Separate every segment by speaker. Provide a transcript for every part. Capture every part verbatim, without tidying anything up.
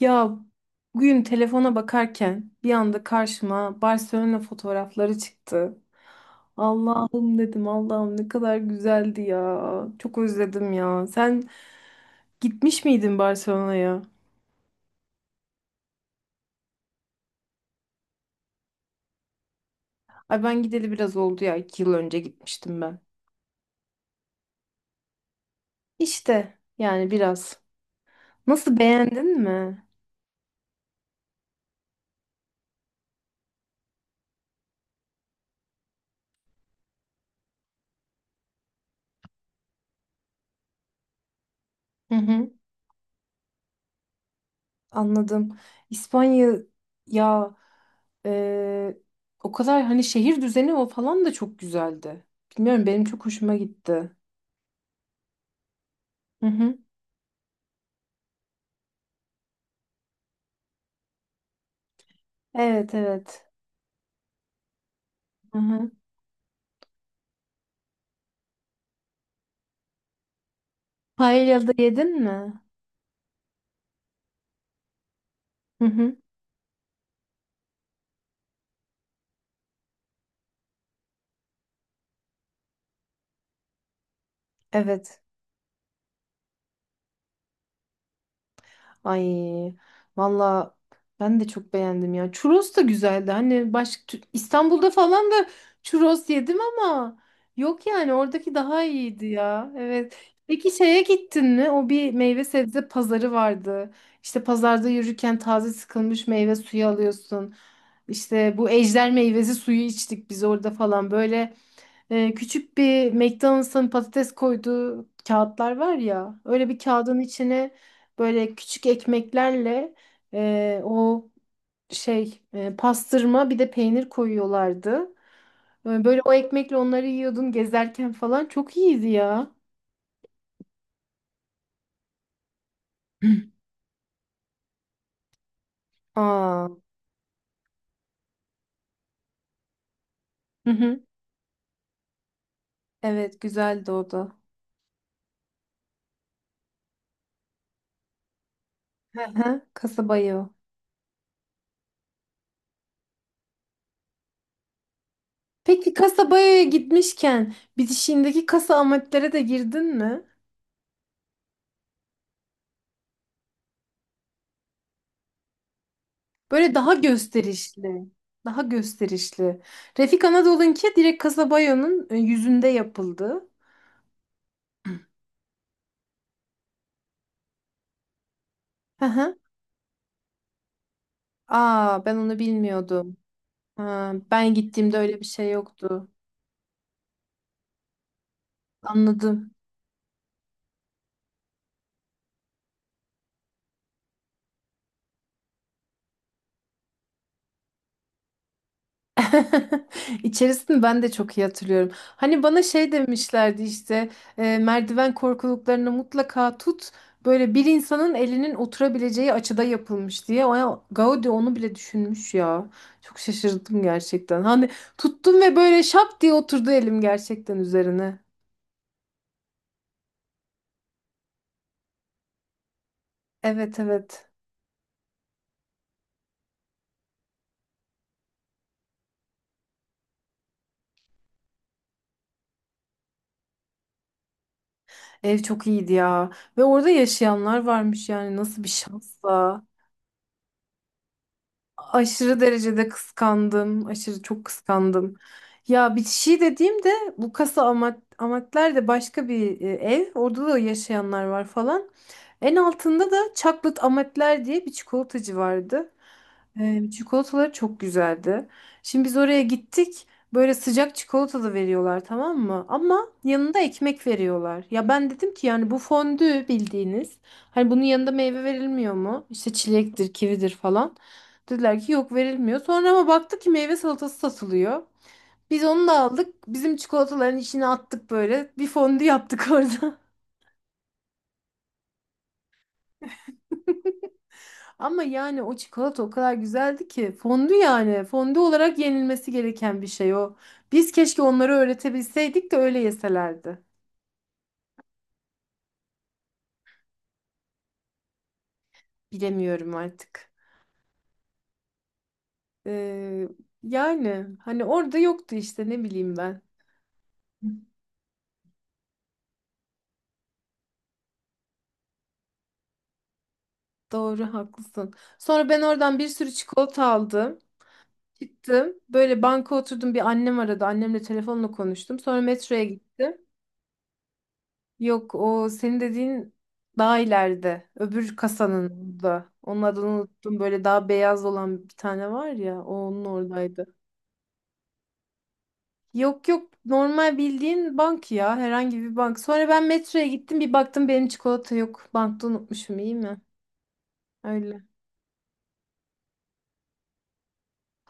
Speaker 1: Ya bugün telefona bakarken bir anda karşıma Barcelona fotoğrafları çıktı. Allah'ım dedim Allah'ım ne kadar güzeldi ya. Çok özledim ya. Sen gitmiş miydin Barcelona'ya? Ay ben gideli biraz oldu ya. iki yıl önce gitmiştim ben. İşte yani biraz. Nasıl beğendin mi? Hı hı. Anladım. İspanya ya e, o kadar hani şehir düzeni o falan da çok güzeldi. Bilmiyorum benim çok hoşuma gitti. Hı hı. Evet evet. Hı hı. Paella da yedin mi? Hı hı. Evet. Ay valla ben de çok beğendim ya. Churros da güzeldi. Hani başka tü- İstanbul'da falan da churros yedim ama yok yani oradaki daha iyiydi ya. Evet. Peki şeye gittin mi? O bir meyve sebze pazarı vardı. İşte pazarda yürürken taze sıkılmış meyve suyu alıyorsun. İşte bu ejder meyvesi suyu içtik biz orada falan. Böyle ee, küçük bir McDonald's'ın patates koyduğu kağıtlar var ya. Öyle bir kağıdın içine böyle küçük ekmeklerle e, o şey e, pastırma bir de peynir koyuyorlardı. Ee, Böyle o ekmekle onları yiyordun gezerken falan. Çok iyiydi ya. Aa. Hı hı. Evet güzeldi o da. Hı hı. Kasabayı o. Peki kasabaya gitmişken bitişiğindeki kasa amatlere de girdin mi? Böyle daha gösterişli. Daha gösterişli. Refik Anadolu'nunki direkt kasabayonun e, yüzünde yapıldı. Hı hı. Aa, ben onu bilmiyordum. Ha, ben gittiğimde öyle bir şey yoktu. Anladım. İçerisini ben de çok iyi hatırlıyorum. Hani bana şey demişlerdi işte e, merdiven korkuluklarını mutlaka tut. Böyle bir insanın elinin oturabileceği açıda yapılmış diye. O, Gaudi onu bile düşünmüş ya. Çok şaşırdım gerçekten. Hani tuttum ve böyle şap diye oturdu elim gerçekten üzerine. Evet evet. Ev çok iyiydi ya. Ve orada yaşayanlar varmış, yani nasıl bir şansa. Aşırı derecede kıskandım. Aşırı çok kıskandım. Ya bitişi dediğimde bu kasa amat, amatler de başka bir e, ev. Orada da yaşayanlar var falan. En altında da Chocolate Amatler diye bir çikolatacı vardı. Ee, çikolataları çok güzeldi. Şimdi biz oraya gittik. Böyle sıcak çikolatalı veriyorlar, tamam mı? Ama yanında ekmek veriyorlar. Ya ben dedim ki yani bu fondü bildiğiniz. Hani bunun yanında meyve verilmiyor mu? İşte çilektir, kividir falan. Dediler ki yok verilmiyor. Sonra ama baktık ki meyve salatası satılıyor. Biz onu da aldık. Bizim çikolataların içine attık böyle. Bir fondü yaptık orada. Ama yani o çikolata o kadar güzeldi ki fondü, yani fondü olarak yenilmesi gereken bir şey o. Biz keşke onları öğretebilseydik de öyle yeselerdi. Bilemiyorum artık. Ee, yani hani orada yoktu işte, ne bileyim ben. Doğru, haklısın. Sonra ben oradan bir sürü çikolata aldım. Çıktım. Böyle banka oturdum, bir annem aradı. Annemle telefonla konuştum. Sonra metroya gittim. Yok, o senin dediğin daha ileride. Öbür kasanın da. Onun adını unuttum. Böyle daha beyaz olan bir tane var ya. O onun oradaydı. Yok yok, normal bildiğin bank ya. Herhangi bir bank. Sonra ben metroya gittim, bir baktım benim çikolata yok. Bankta unutmuşum, iyi mi? Öyle.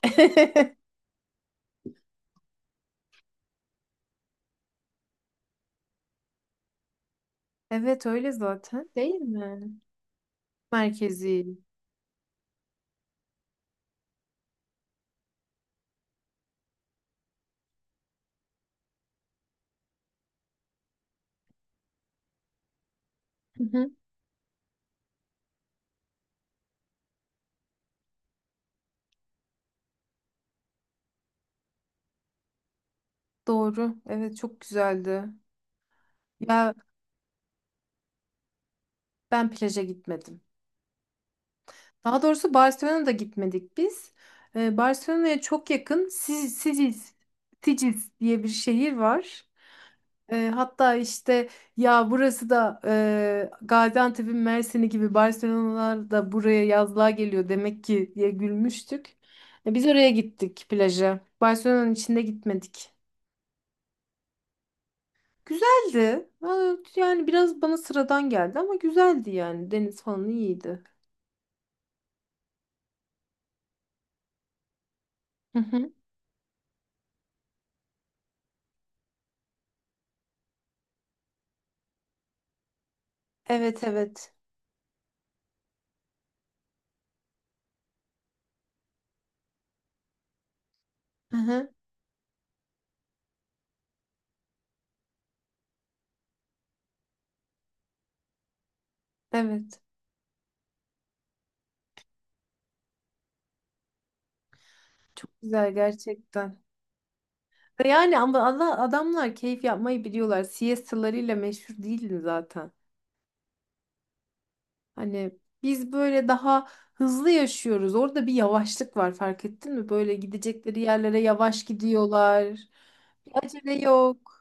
Speaker 1: Evet, öyle zaten değil mi? Merkezi. Hı hı. Doğru. Evet, çok güzeldi. Ya ben plaja gitmedim. Daha doğrusu Barcelona'da gitmedik biz. Ee, Barcelona'ya çok yakın Sic- Siciz, Siciz diye bir şehir var. Ee, hatta işte ya, burası da e, Gaziantep'in Mersin'i gibi Barcelona'lar da buraya yazlığa geliyor demek ki diye gülmüştük. E, biz oraya gittik plaja. Barcelona'nın içinde gitmedik. Güzeldi. Aa, yani biraz bana sıradan geldi ama güzeldi yani. Deniz falan iyiydi. Hı hı. Evet evet. Hı hı. Evet. Çok güzel gerçekten. Yani ama Allah- adamlar keyif yapmayı biliyorlar. Siestalarıyla meşhur değildi zaten. Hani biz böyle daha hızlı yaşıyoruz. Orada bir yavaşlık var, fark ettin mi? Böyle gidecekleri yerlere yavaş gidiyorlar. Bir acele yok.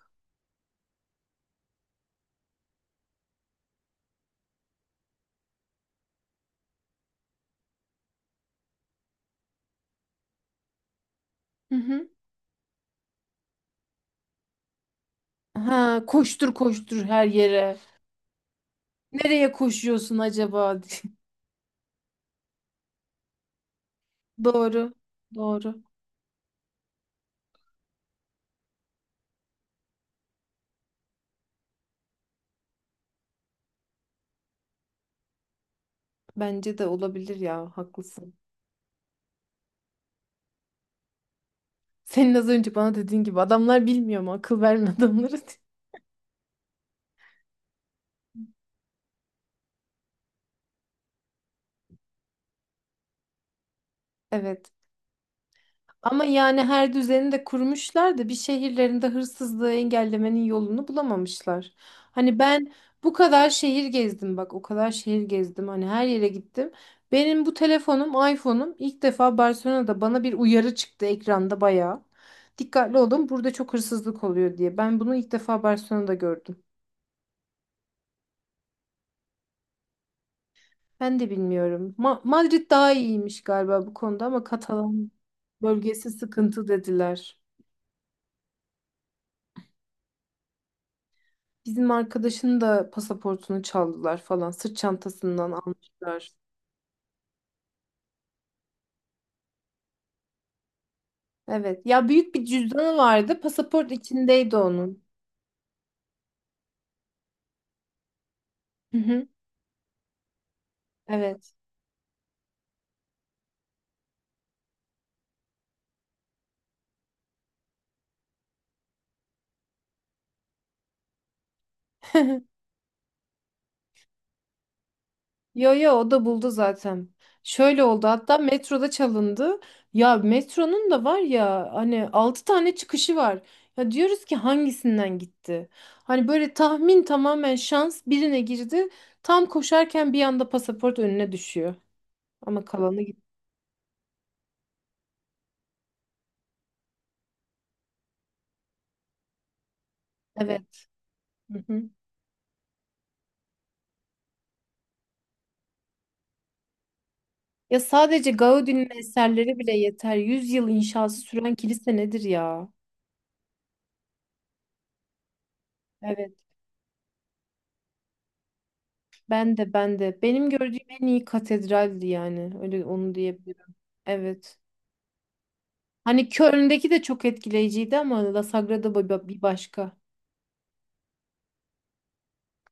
Speaker 1: Hı hı. Ha, koştur koştur her yere. Nereye koşuyorsun acaba? Doğru. Doğru. Bence de olabilir ya. Haklısın. Senin az önce bana dediğin gibi, adamlar bilmiyor mu? Akıl verme adamları. Evet. Ama yani her düzeni de kurmuşlar da bir şehirlerinde hırsızlığı engellemenin yolunu bulamamışlar. Hani ben bu kadar şehir gezdim, bak o kadar şehir gezdim, hani her yere gittim. Benim bu telefonum, iPhone'um, ilk defa Barcelona'da bana bir uyarı çıktı ekranda bayağı. Dikkatli olun, burada çok hırsızlık oluyor diye. Ben bunu ilk defa Barcelona'da gördüm. Ben de bilmiyorum. Ma- Madrid daha iyiymiş galiba bu konuda, ama Katalan bölgesi sıkıntı dediler. Bizim arkadaşın da pasaportunu çaldılar falan. Sırt çantasından almışlar. Evet. Ya büyük bir cüzdanı vardı. Pasaport içindeydi onun. Hı hı. Evet. Yo yo, o da buldu zaten. Şöyle oldu, hatta metroda çalındı. Ya metronun da var ya hani altı tane çıkışı var. Ya diyoruz ki hangisinden gitti? Hani böyle tahmin, tamamen şans, birine girdi. Tam koşarken bir anda pasaport önüne düşüyor. Ama kalanı gitti. Evet. Ya sadece Gaudi'nin eserleri bile yeter. Yüz yıl inşası süren kilise nedir ya? Evet, ben de ben de. Benim gördüğüm en iyi katedraldi yani. Öyle onu diyebilirim. Evet. Hani Köln'deki de çok etkileyiciydi ama La Sagrada Ba- Ba- bir başka.